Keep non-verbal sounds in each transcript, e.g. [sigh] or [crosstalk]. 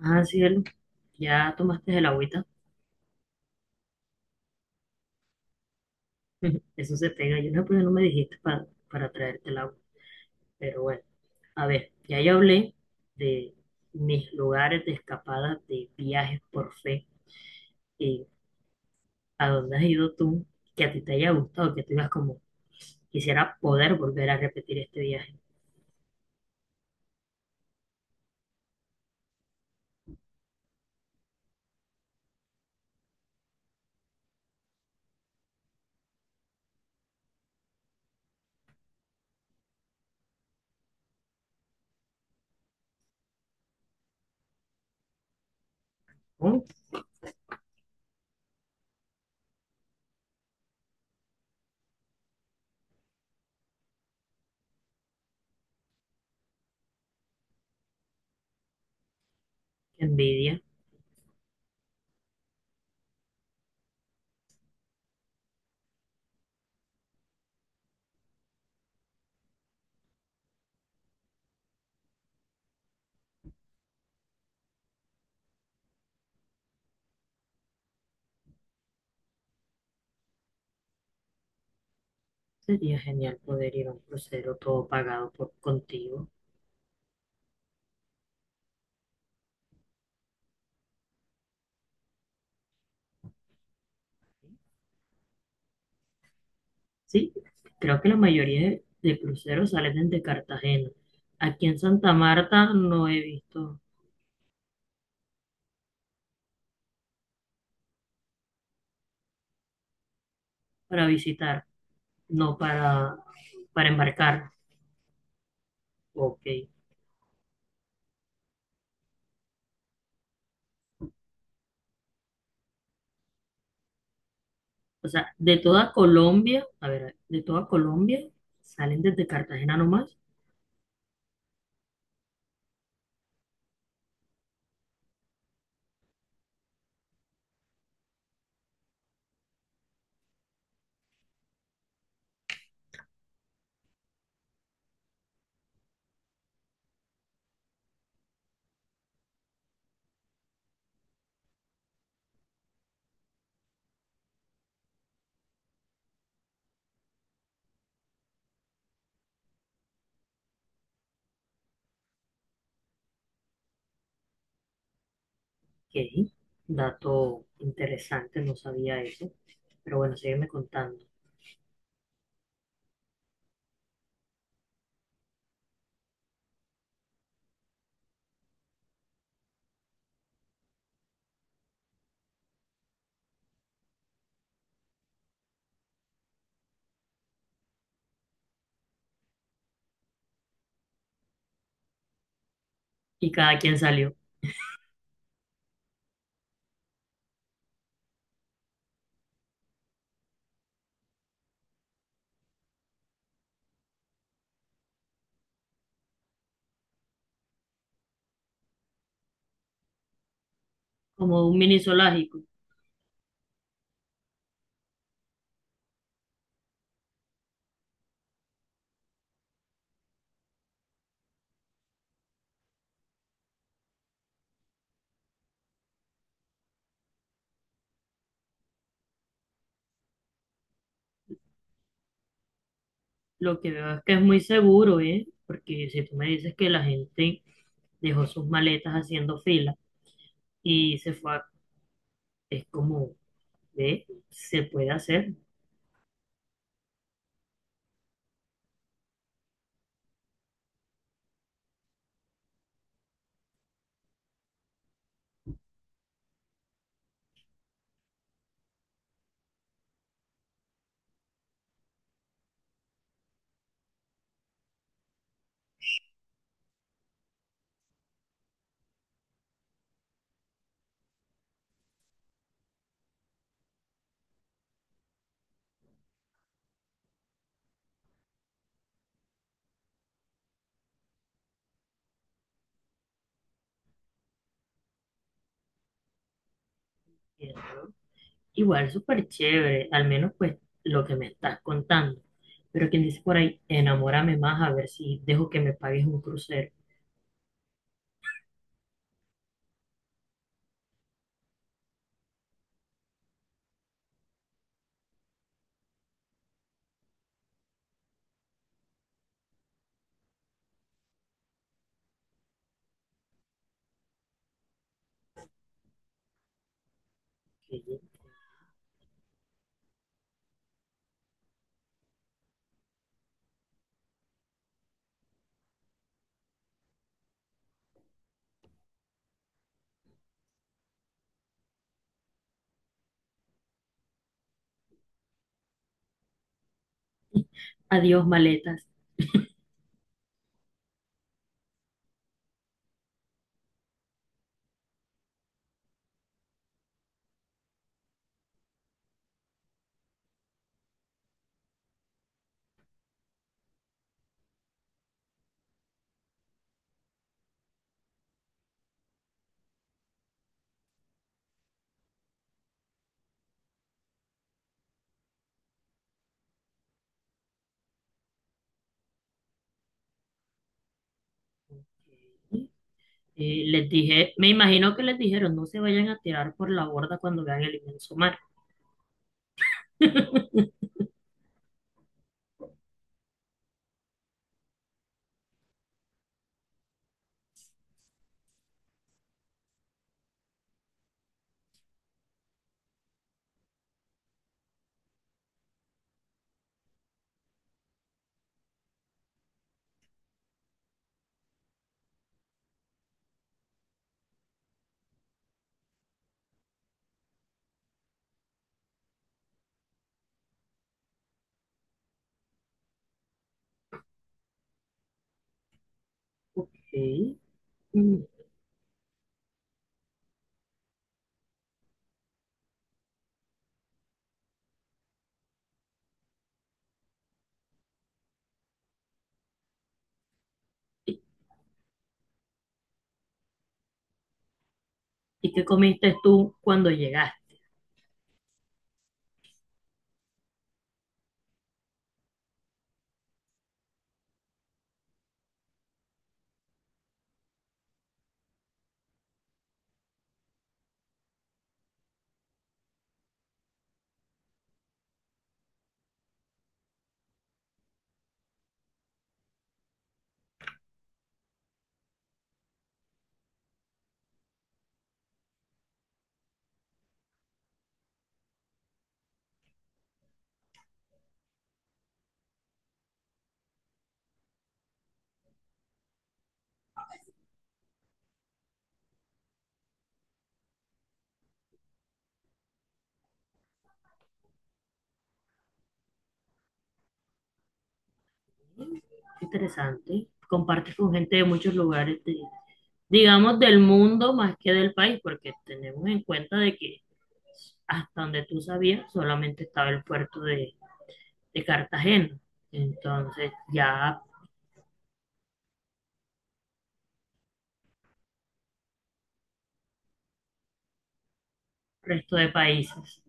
Ah, cielo, ya tomaste el agüita. [laughs] Eso se pega. Yo no, pues no me dijiste para traerte el agua. Pero bueno, a ver, ya yo hablé de mis lugares de escapada, de viajes por fe, y a dónde has ido tú, que a ti te haya gustado, que tú digas como, quisiera poder volver a repetir este viaje. Oh, qué envidia. Sería genial poder ir a un crucero todo pagado por contigo. Sí, creo que la mayoría de cruceros salen desde Cartagena. Aquí en Santa Marta no he visto para visitar, no para, para embarcar. Ok. O sea, de toda Colombia, a ver, de toda Colombia salen desde Cartagena nomás. Ok. Dato interesante, no sabía eso. Pero bueno, sígueme contando. Y cada quien salió como un mini zoológico. Lo que veo es que es muy seguro, ¿eh? Porque si tú me dices que la gente dejó sus maletas haciendo fila y se es como, ve, se puede hacer. Y, ¿no? Igual súper chévere, al menos pues lo que me estás contando. Pero quien dice por ahí, enamórame más a ver si dejo que me pagues un crucero. Que- Adiós, maletas. Les dije, me imagino que les dijeron, no se vayan a tirar por la borda cuando vean el inmenso mar. [laughs] Ok. Mm, ¿Y y qué comiste tú cuando llegaste? Interesante. Compartes con gente de muchos lugares, de- digamos, del mundo más que del país, porque tenemos en cuenta de que hasta donde tú sabías solamente estaba el puerto de Cartagena. Entonces, ya resto de países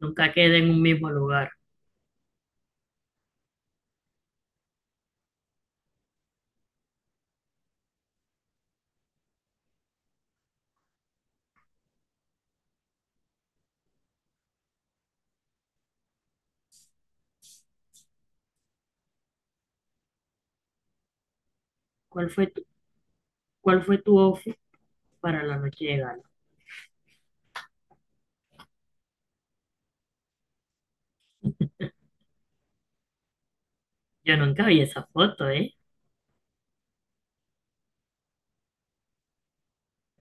nunca queda en un mismo lugar. ¿Cuál fue tu, cuál fue tu outfit para la noche de gala? Yo nunca vi esa foto, ¿eh?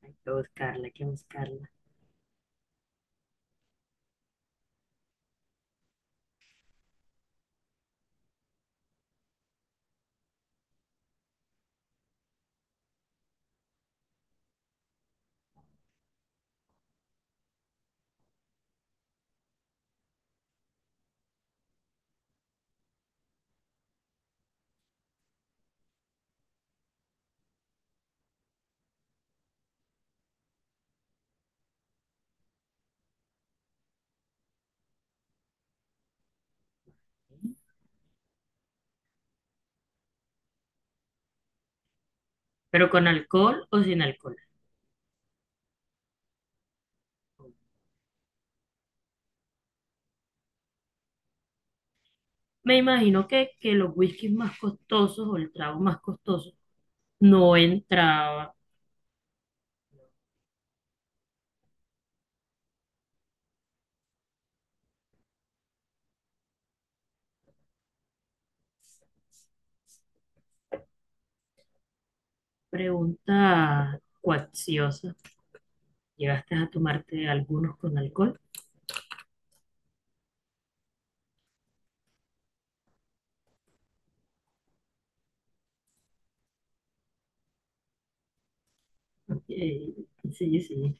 Hay que buscarla, hay que buscarla. ¿Pero con alcohol o sin alcohol? Me imagino que los whiskies más costosos o el trago más costoso no entraba. Pregunta cuacciosa. ¿Llegaste a tomarte algunos con alcohol? Eh, sí, sí.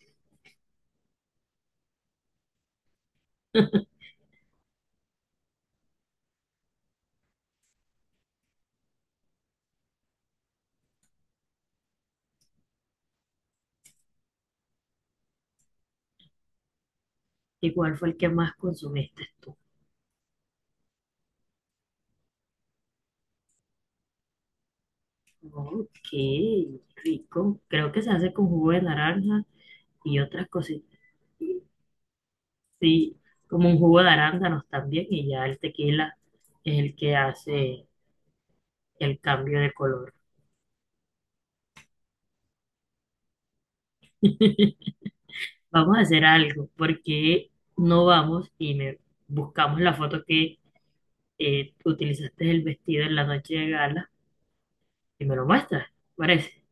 ¿Y cuál fue el que más consumiste tú? Ok, rico. Creo que se hace con jugo de naranja y otras cositas. Sí, como un jugo de arándanos también y ya el tequila es el que hace el cambio de color. Vamos a hacer algo, porque no vamos y me buscamos la foto que utilizaste el vestido en la noche de gala y me lo muestras, ¿te parece?